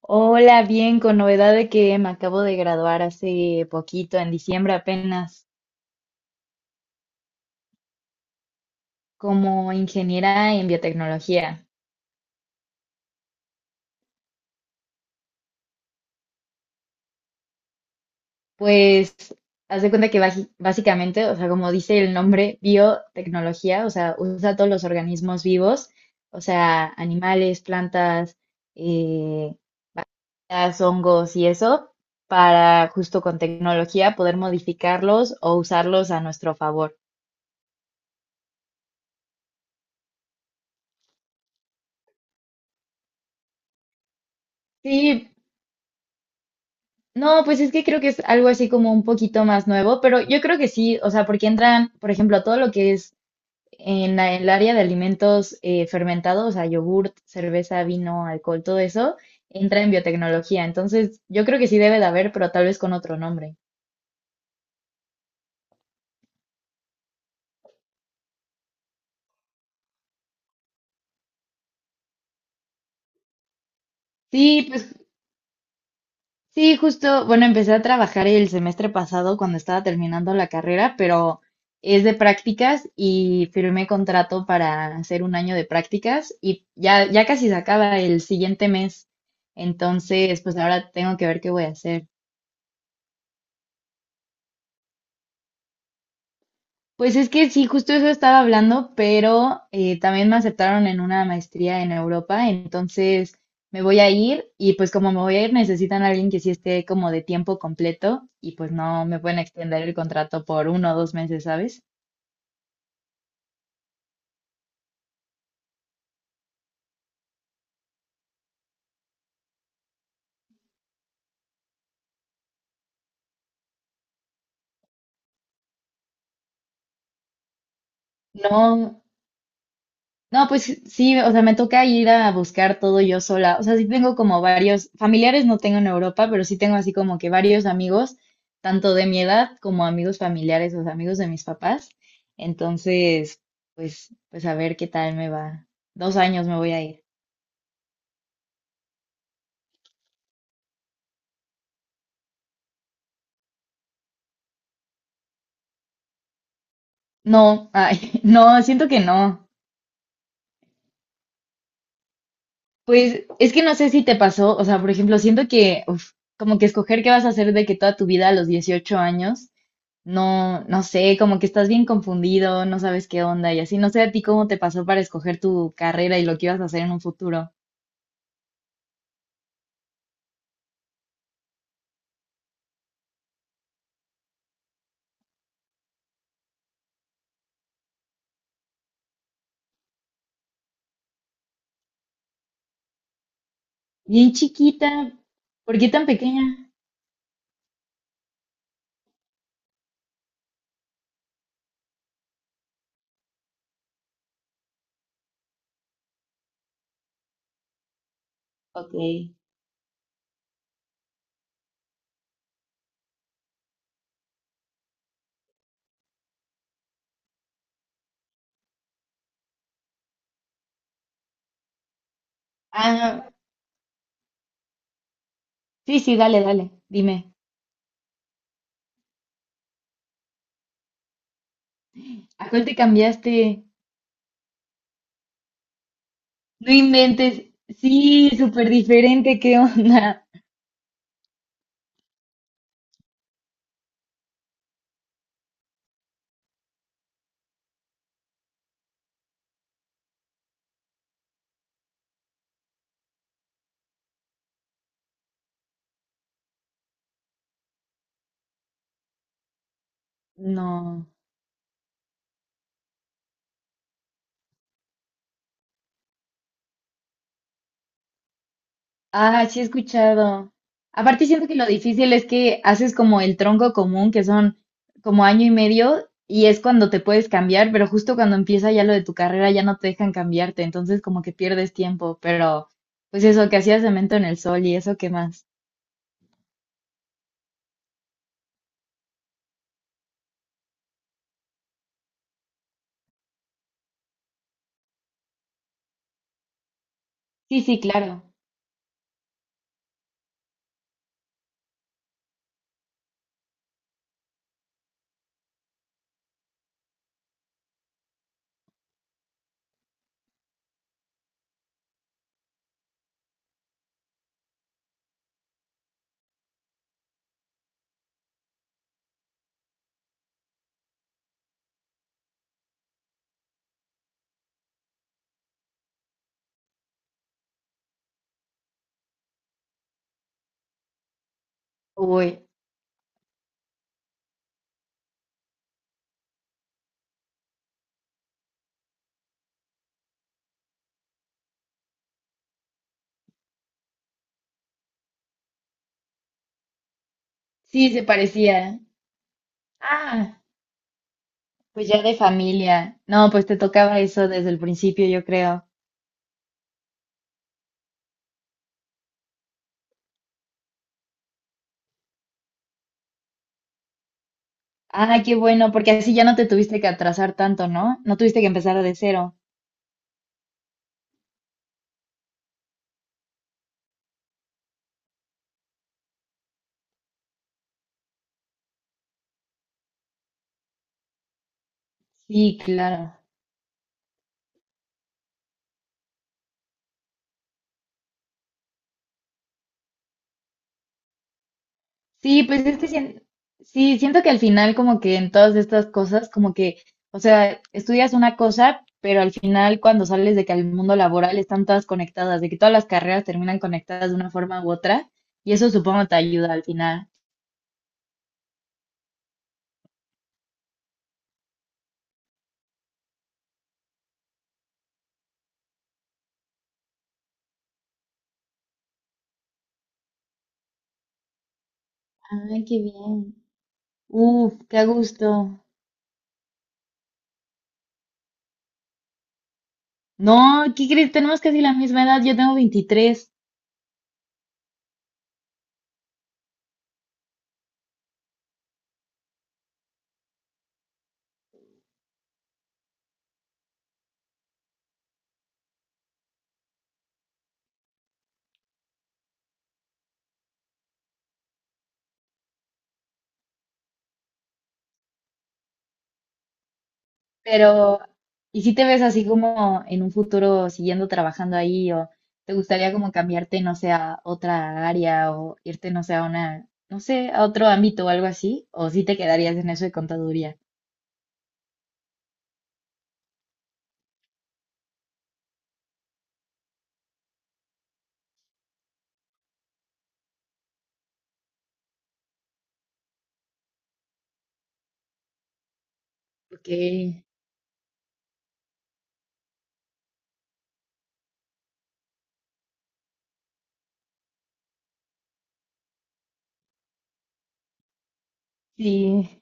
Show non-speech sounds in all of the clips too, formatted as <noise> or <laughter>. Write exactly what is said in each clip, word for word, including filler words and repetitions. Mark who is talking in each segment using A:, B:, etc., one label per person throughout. A: Hola, bien, con novedad de que me acabo de graduar hace poquito, en diciembre apenas, como ingeniera en biotecnología. Pues, haz de cuenta que baji- básicamente, o sea, como dice el nombre, biotecnología, o sea, usa todos los organismos vivos, o sea, animales, plantas, eh, las hongos y eso, para justo con tecnología poder modificarlos o usarlos a nuestro favor. Sí. No, pues es que creo que es algo así como un poquito más nuevo, pero yo creo que sí, o sea, porque entran, por ejemplo, todo lo que es en la- el área de alimentos eh, fermentados, o sea, yogurt, cerveza, vino, alcohol, todo eso, entra en biotecnología. Entonces, yo creo que sí debe de haber, pero tal vez con otro nombre. Sí. Sí, justo, bueno, empecé a trabajar el semestre pasado cuando estaba terminando la carrera, pero es de prácticas y firmé contrato para hacer un año de prácticas y ya, ya casi se acaba el siguiente mes. Entonces, pues ahora tengo que ver qué voy a hacer. Pues es que sí, justo eso estaba hablando, pero eh, también me aceptaron en una maestría en Europa, entonces me voy a ir y pues como me voy a ir necesitan a alguien que sí esté como de tiempo completo y pues no me pueden extender el contrato por uno o dos meses, ¿sabes? No. No, pues sí, o sea, me toca ir a buscar todo yo sola. O sea, sí tengo como varios, familiares no tengo en Europa, pero sí tengo así como que varios amigos, tanto de mi edad como amigos familiares, o sea, amigos de mis papás. Entonces, pues, pues a ver qué tal me va. Dos años me voy a ir. No, ay, <laughs> no, siento que no. Pues es que no sé si te pasó, o sea, por ejemplo, siento que, uf, como que escoger qué vas a hacer de que toda tu vida a los dieciocho años. No, no sé, como que estás bien confundido, no sabes qué onda y así. No sé a ti cómo te pasó para escoger tu carrera y lo que ibas a hacer en un futuro. Bien chiquita, ¿por qué tan pequeña? Ok. Ah, sí, sí, dale, dale, dime. ¿A cuál te cambiaste? No inventes. Sí, súper diferente, ¿qué onda? No. Ah, sí, he escuchado. Aparte siento que lo difícil es que haces como el tronco común, que son como año y medio, y es cuando te puedes cambiar, pero justo cuando empieza ya lo de tu carrera ya no te dejan cambiarte, entonces como que pierdes tiempo, pero pues eso, que hacías cemento en el sol y eso, ¿qué más? Sí, sí, claro. Uy, sí, se parecía. Ah, pues ya de familia. No, pues te tocaba eso desde el principio, yo creo. Ah, qué bueno, porque así ya no te tuviste que atrasar tanto, ¿no? No tuviste que empezar de cero. Sí, claro. Sí, pues es que sien- sí, siento que al final como que en todas estas cosas, como que, o sea, estudias una cosa, pero al final cuando sales de que al mundo laboral están todas conectadas, de que todas las carreras terminan conectadas de una forma u otra, y eso supongo te ayuda al final. Ay, qué bien. Uf, qué a gusto. No, ¿qué crees? Tenemos casi la misma edad, yo tengo veintitrés. Pero, ¿y si te ves así como en un futuro siguiendo trabajando ahí o te gustaría como cambiarte, no sé, a otra área o irte, no sé, a una, no sé, a otro ámbito o algo así? ¿O si te quedarías en eso de contaduría? Porque. Sí,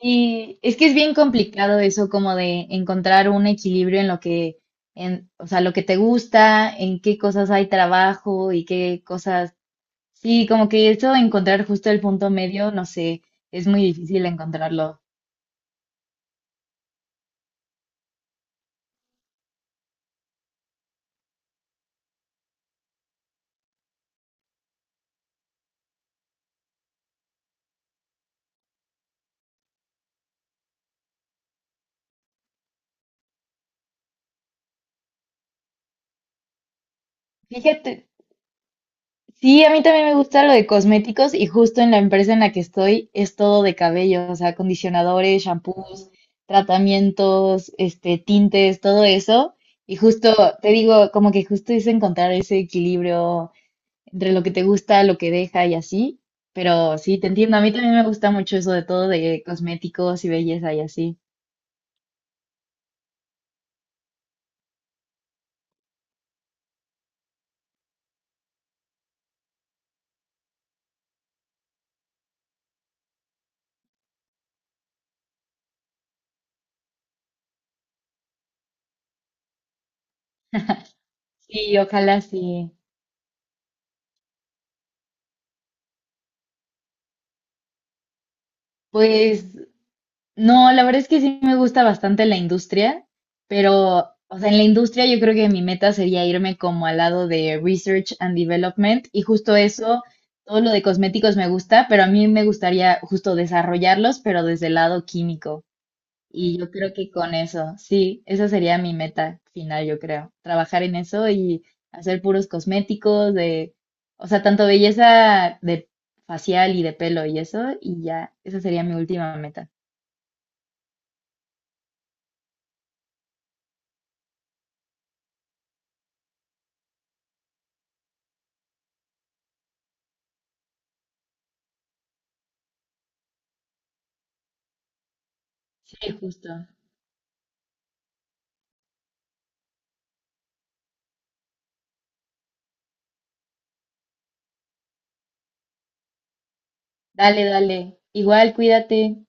A: sí, es que es bien complicado eso como de encontrar un equilibrio en lo que, en, o sea, lo que te gusta, en qué cosas hay trabajo y qué cosas, sí, como que eso de encontrar justo el punto medio, no sé, es muy difícil encontrarlo. Fíjate, sí, a mí también me gusta lo de cosméticos y justo en la empresa en la que estoy es todo de cabello, o sea, acondicionadores, shampoos, tratamientos, este, tintes, todo eso. Y justo, te digo, como que justo es encontrar ese equilibrio entre lo que te gusta, lo que deja y así. Pero sí, te entiendo, a mí también me gusta mucho eso de todo de cosméticos y belleza y así. Sí, ojalá sí. Pues, no, la verdad es que sí me gusta bastante la industria, pero, o sea, en la industria yo creo que mi meta sería irme como al lado de research and development y justo eso, todo lo de cosméticos me gusta, pero a mí me gustaría justo desarrollarlos, pero desde el lado químico. Y yo creo que con eso, sí, esa sería mi meta final, yo creo, trabajar en eso y hacer puros cosméticos de, o sea, tanto belleza de facial y de pelo y eso, y ya, esa sería mi última meta. Sí, justo. Dale, dale. Igual, cuídate.